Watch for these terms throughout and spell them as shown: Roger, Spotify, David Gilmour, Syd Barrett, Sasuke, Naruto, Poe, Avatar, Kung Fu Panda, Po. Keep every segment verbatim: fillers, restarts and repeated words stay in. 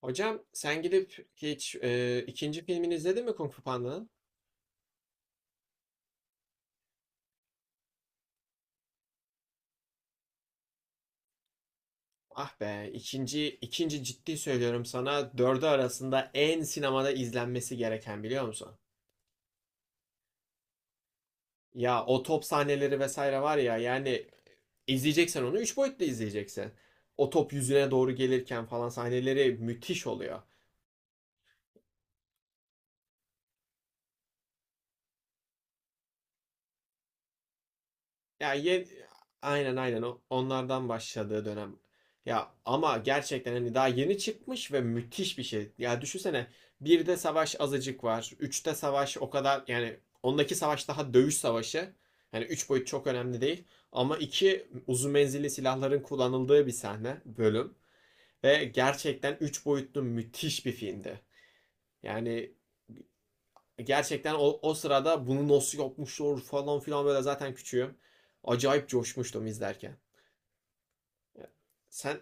Hocam sen gidip hiç e, ikinci filmini izledin mi Kung Fu Panda'nın? Ah be ikinci ikinci ciddi söylüyorum sana dördü arasında en sinemada izlenmesi gereken biliyor musun? Ya o top sahneleri vesaire var ya yani izleyeceksen onu üç boyutlu izleyeceksin. O top yüzüne doğru gelirken falan sahneleri müthiş oluyor. Ya ye, aynen aynen o onlardan başladığı dönem. Ya ama gerçekten hani daha yeni çıkmış ve müthiş bir şey. Ya düşünsene birde savaş azıcık var. Üçte savaş o kadar yani ondaki savaş daha dövüş savaşı. Hani üç boyut çok önemli değil. Ama iki uzun menzilli silahların kullanıldığı bir sahne bölüm. Ve gerçekten üç boyutlu müthiş bir filmdi. Yani gerçekten o, o sırada bunu nasıl yapmışlar falan filan böyle zaten küçüğüm. Acayip coşmuştum izlerken. Sen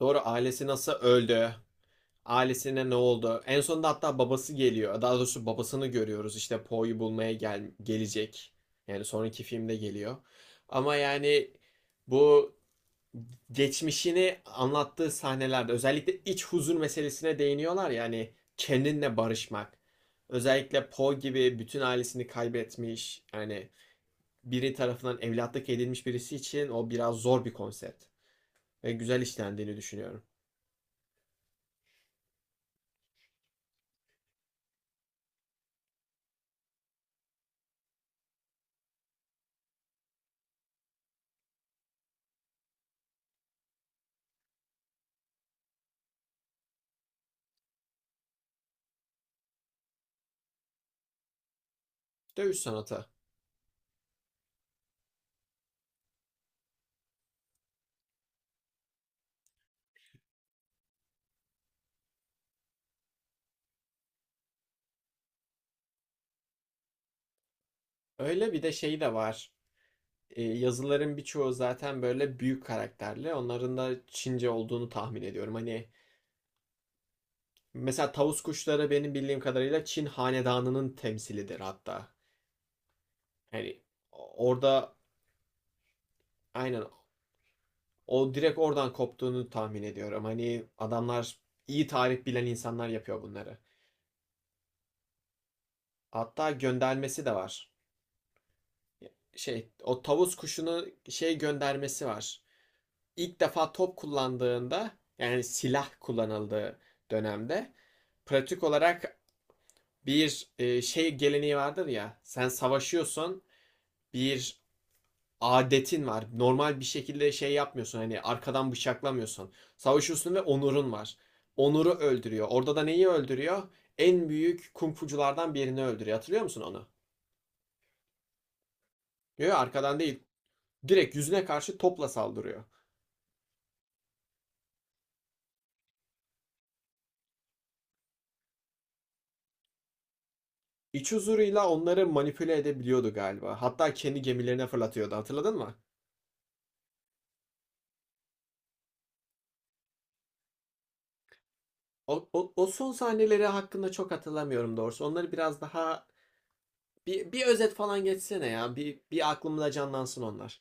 doğru ailesi nasıl öldü? Ailesine ne oldu? En sonunda hatta babası geliyor. Daha doğrusu babasını görüyoruz. İşte Poe'yu bulmaya gel gelecek. Yani sonraki filmde geliyor. Ama yani bu geçmişini anlattığı sahnelerde özellikle iç huzur meselesine değiniyorlar ya hani kendinle barışmak. Özellikle Poe gibi bütün ailesini kaybetmiş yani biri tarafından evlatlık edilmiş birisi için o biraz zor bir konsept ve güzel işlendiğini düşünüyorum. Dövüş sanatı. Öyle bir de şey de var. E, yazıların birçoğu zaten böyle büyük karakterli. Onların da Çince olduğunu tahmin ediyorum. Hani mesela tavus kuşları benim bildiğim kadarıyla Çin hanedanının temsilidir hatta. Hani orada aynen o direkt oradan koptuğunu tahmin ediyorum. Hani adamlar iyi tarih bilen insanlar yapıyor bunları. Hatta göndermesi de var. Şey o tavus kuşunu şey göndermesi var. İlk defa top kullandığında yani silah kullanıldığı dönemde pratik olarak bir e, şey geleneği vardır ya sen savaşıyorsun bir adetin var. Normal bir şekilde şey yapmıyorsun. Hani arkadan bıçaklamıyorsun. Savaşıyorsun ve onurun var. Onuru öldürüyor. Orada da neyi öldürüyor? En büyük kung birini öldürüyor. Hatırlıyor musun onu? Yok arkadan değil. Direkt yüzüne karşı topla saldırıyor. İç huzuruyla onları manipüle edebiliyordu galiba. Hatta kendi gemilerine fırlatıyordu. Hatırladın mı? O, o, o son sahneleri hakkında çok hatırlamıyorum doğrusu. Onları biraz daha bir, bir özet falan geçsene ya. Bir, bir aklımda canlansın onlar.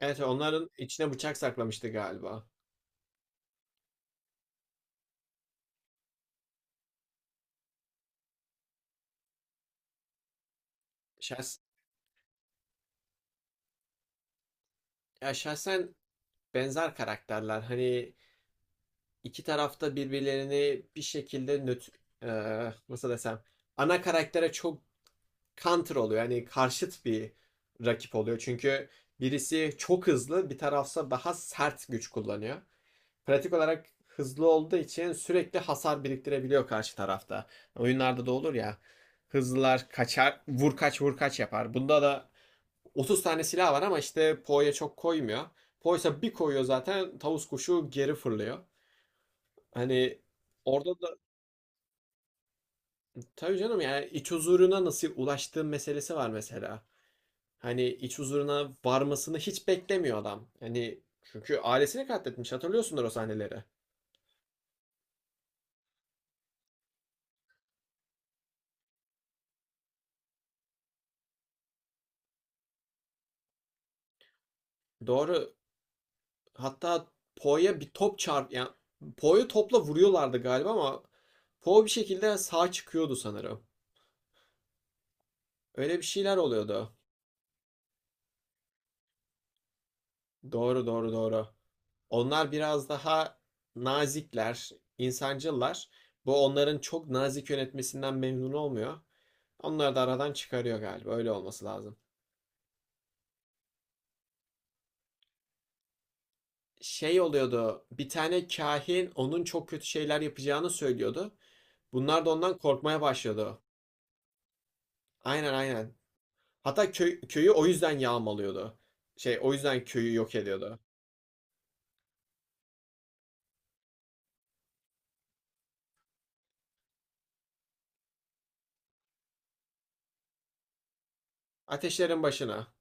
Evet onların içine bıçak saklamıştı galiba. Şahs ya şahsen benzer karakterler. Hani iki tarafta birbirlerini bir şekilde nötr eee, nasıl desem ana karaktere çok counter oluyor. Yani karşıt bir rakip oluyor. Çünkü birisi çok hızlı, bir tarafsa daha sert güç kullanıyor. Pratik olarak hızlı olduğu için sürekli hasar biriktirebiliyor karşı tarafta. Oyunlarda da olur ya. Hızlılar kaçar, vur kaç vur kaç yapar. Bunda da otuz tane silah var ama işte Poe'ya çok koymuyor. Poe'sa bir koyuyor zaten tavus kuşu geri fırlıyor. Hani orada da tabii canım yani iç huzuruna nasıl ulaştığı meselesi var mesela. Hani iç huzuruna varmasını hiç beklemiyor adam. Hani çünkü ailesini katletmiş hatırlıyorsundur o sahneleri. Doğru. Hatta Poe'ya bir top çarp yani Poe'yu topla vuruyorlardı galiba ama Poe bir şekilde sağ çıkıyordu sanırım. Öyle bir şeyler oluyordu. Doğru doğru doğru. Onlar biraz daha nazikler, insancıllar. Bu onların çok nazik yönetmesinden memnun olmuyor. Onları da aradan çıkarıyor galiba. Öyle olması lazım. Şey oluyordu. Bir tane kahin onun çok kötü şeyler yapacağını söylüyordu. Bunlar da ondan korkmaya başladı. Aynen aynen. Hatta köy, köyü o yüzden yağmalıyordu. Şey o yüzden köyü yok ediyordu. Ateşlerin başına.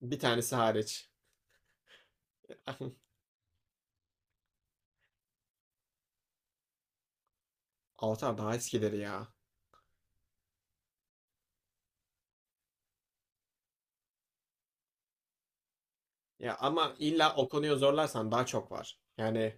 Bir tanesi hariç. Avatar daha eskileri ya. Ya ama illa o konuyu zorlarsan daha çok var. Yani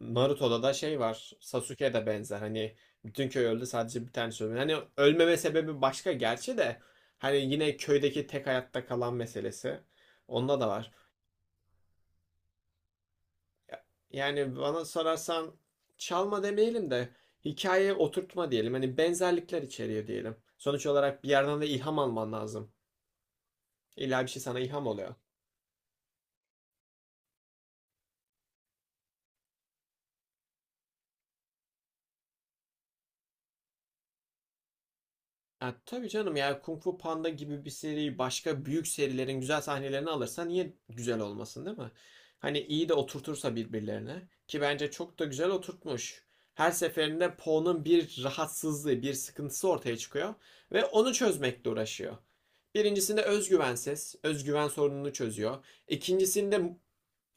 Naruto'da da şey var. Sasuke de benzer. Hani bütün köy öldü sadece bir tanesi öldü. Hani ölmeme sebebi başka gerçi de. Hani yine köydeki tek hayatta kalan meselesi. Onda da var. Ya- Yani bana sorarsan çalma demeyelim de hikayeye oturtma diyelim. Hani benzerlikler içeriyor diyelim. Sonuç olarak bir yerden de ilham alman lazım. İlla bir şey sana ilham oluyor. Ya tabii canım ya Kung Fu Panda gibi bir seri başka büyük serilerin güzel sahnelerini alırsa niye güzel olmasın değil mi? Hani iyi de oturtursa birbirlerine ki bence çok da güzel oturtmuş. Her seferinde Po'nun bir rahatsızlığı, bir sıkıntısı ortaya çıkıyor ve onu çözmekle uğraşıyor. Birincisinde özgüvensiz, özgüven sorununu çözüyor. İkincisinde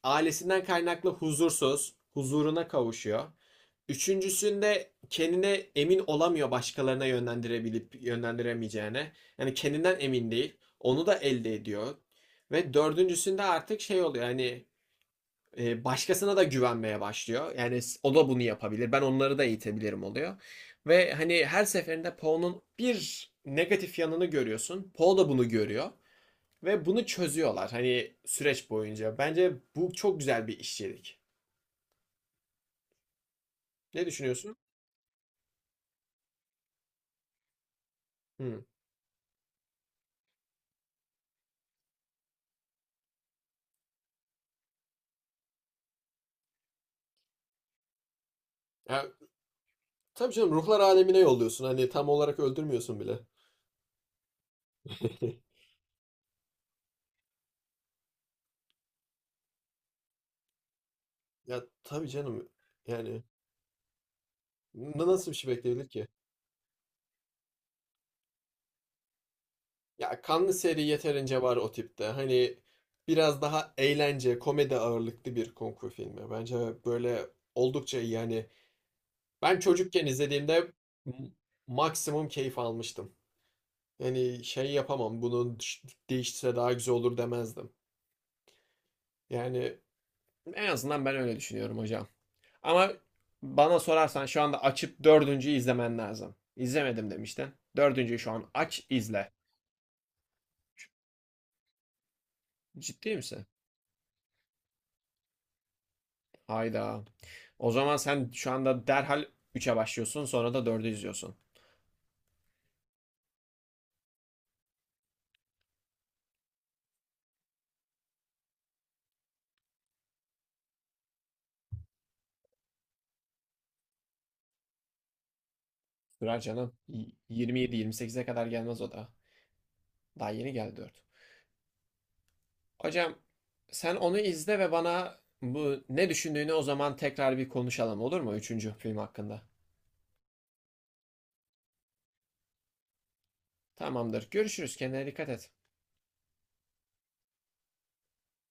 ailesinden kaynaklı huzursuz, huzuruna kavuşuyor. Üçüncüsünde kendine emin olamıyor başkalarına yönlendirebilip yönlendiremeyeceğine. Yani kendinden emin değil. Onu da elde ediyor. Ve dördüncüsünde artık şey oluyor hani e, başkasına da güvenmeye başlıyor. Yani o da bunu yapabilir. Ben onları da eğitebilirim oluyor. Ve hani her seferinde Poe'nun bir negatif yanını görüyorsun. Poe da bunu görüyor. Ve bunu çözüyorlar hani süreç boyunca. Bence bu çok güzel bir işçilik. Ne düşünüyorsun? Hı. Ya, tabii canım ruhlar alemine yolluyorsun. Hani tam olarak öldürmüyorsun bile. Ya tabii canım. Yani n- nasıl bir şey bekleyebilir ki? Ya kanlı seri yeterince var o tipte. Hani biraz daha eğlence, komedi ağırlıklı bir kung fu filmi. Bence böyle oldukça iyi. Yani ben çocukken izlediğimde m- maksimum keyif almıştım. Yani şey yapamam, bunun düş- daha güzel olur demezdim. Yani en azından ben öyle düşünüyorum hocam. Ama bana sorarsan şu anda açıp dördüncüyü izlemen lazım. İzlemedim demiştin. Dördüncüyü şu an aç izle. Ciddi misin? Hayda. O zaman sen şu anda derhal üçe başlıyorsun sonra da dördü izliyorsun. Sürer canım. Y- yirmi yedi yirmi sekize kadar gelmez o da. Daha yeni geldi dört. Hocam sen onu izle ve bana bu ne düşündüğünü o zaman tekrar bir konuşalım olur mu? Üçüncü film hakkında. Tamamdır. Görüşürüz. Kendine dikkat et.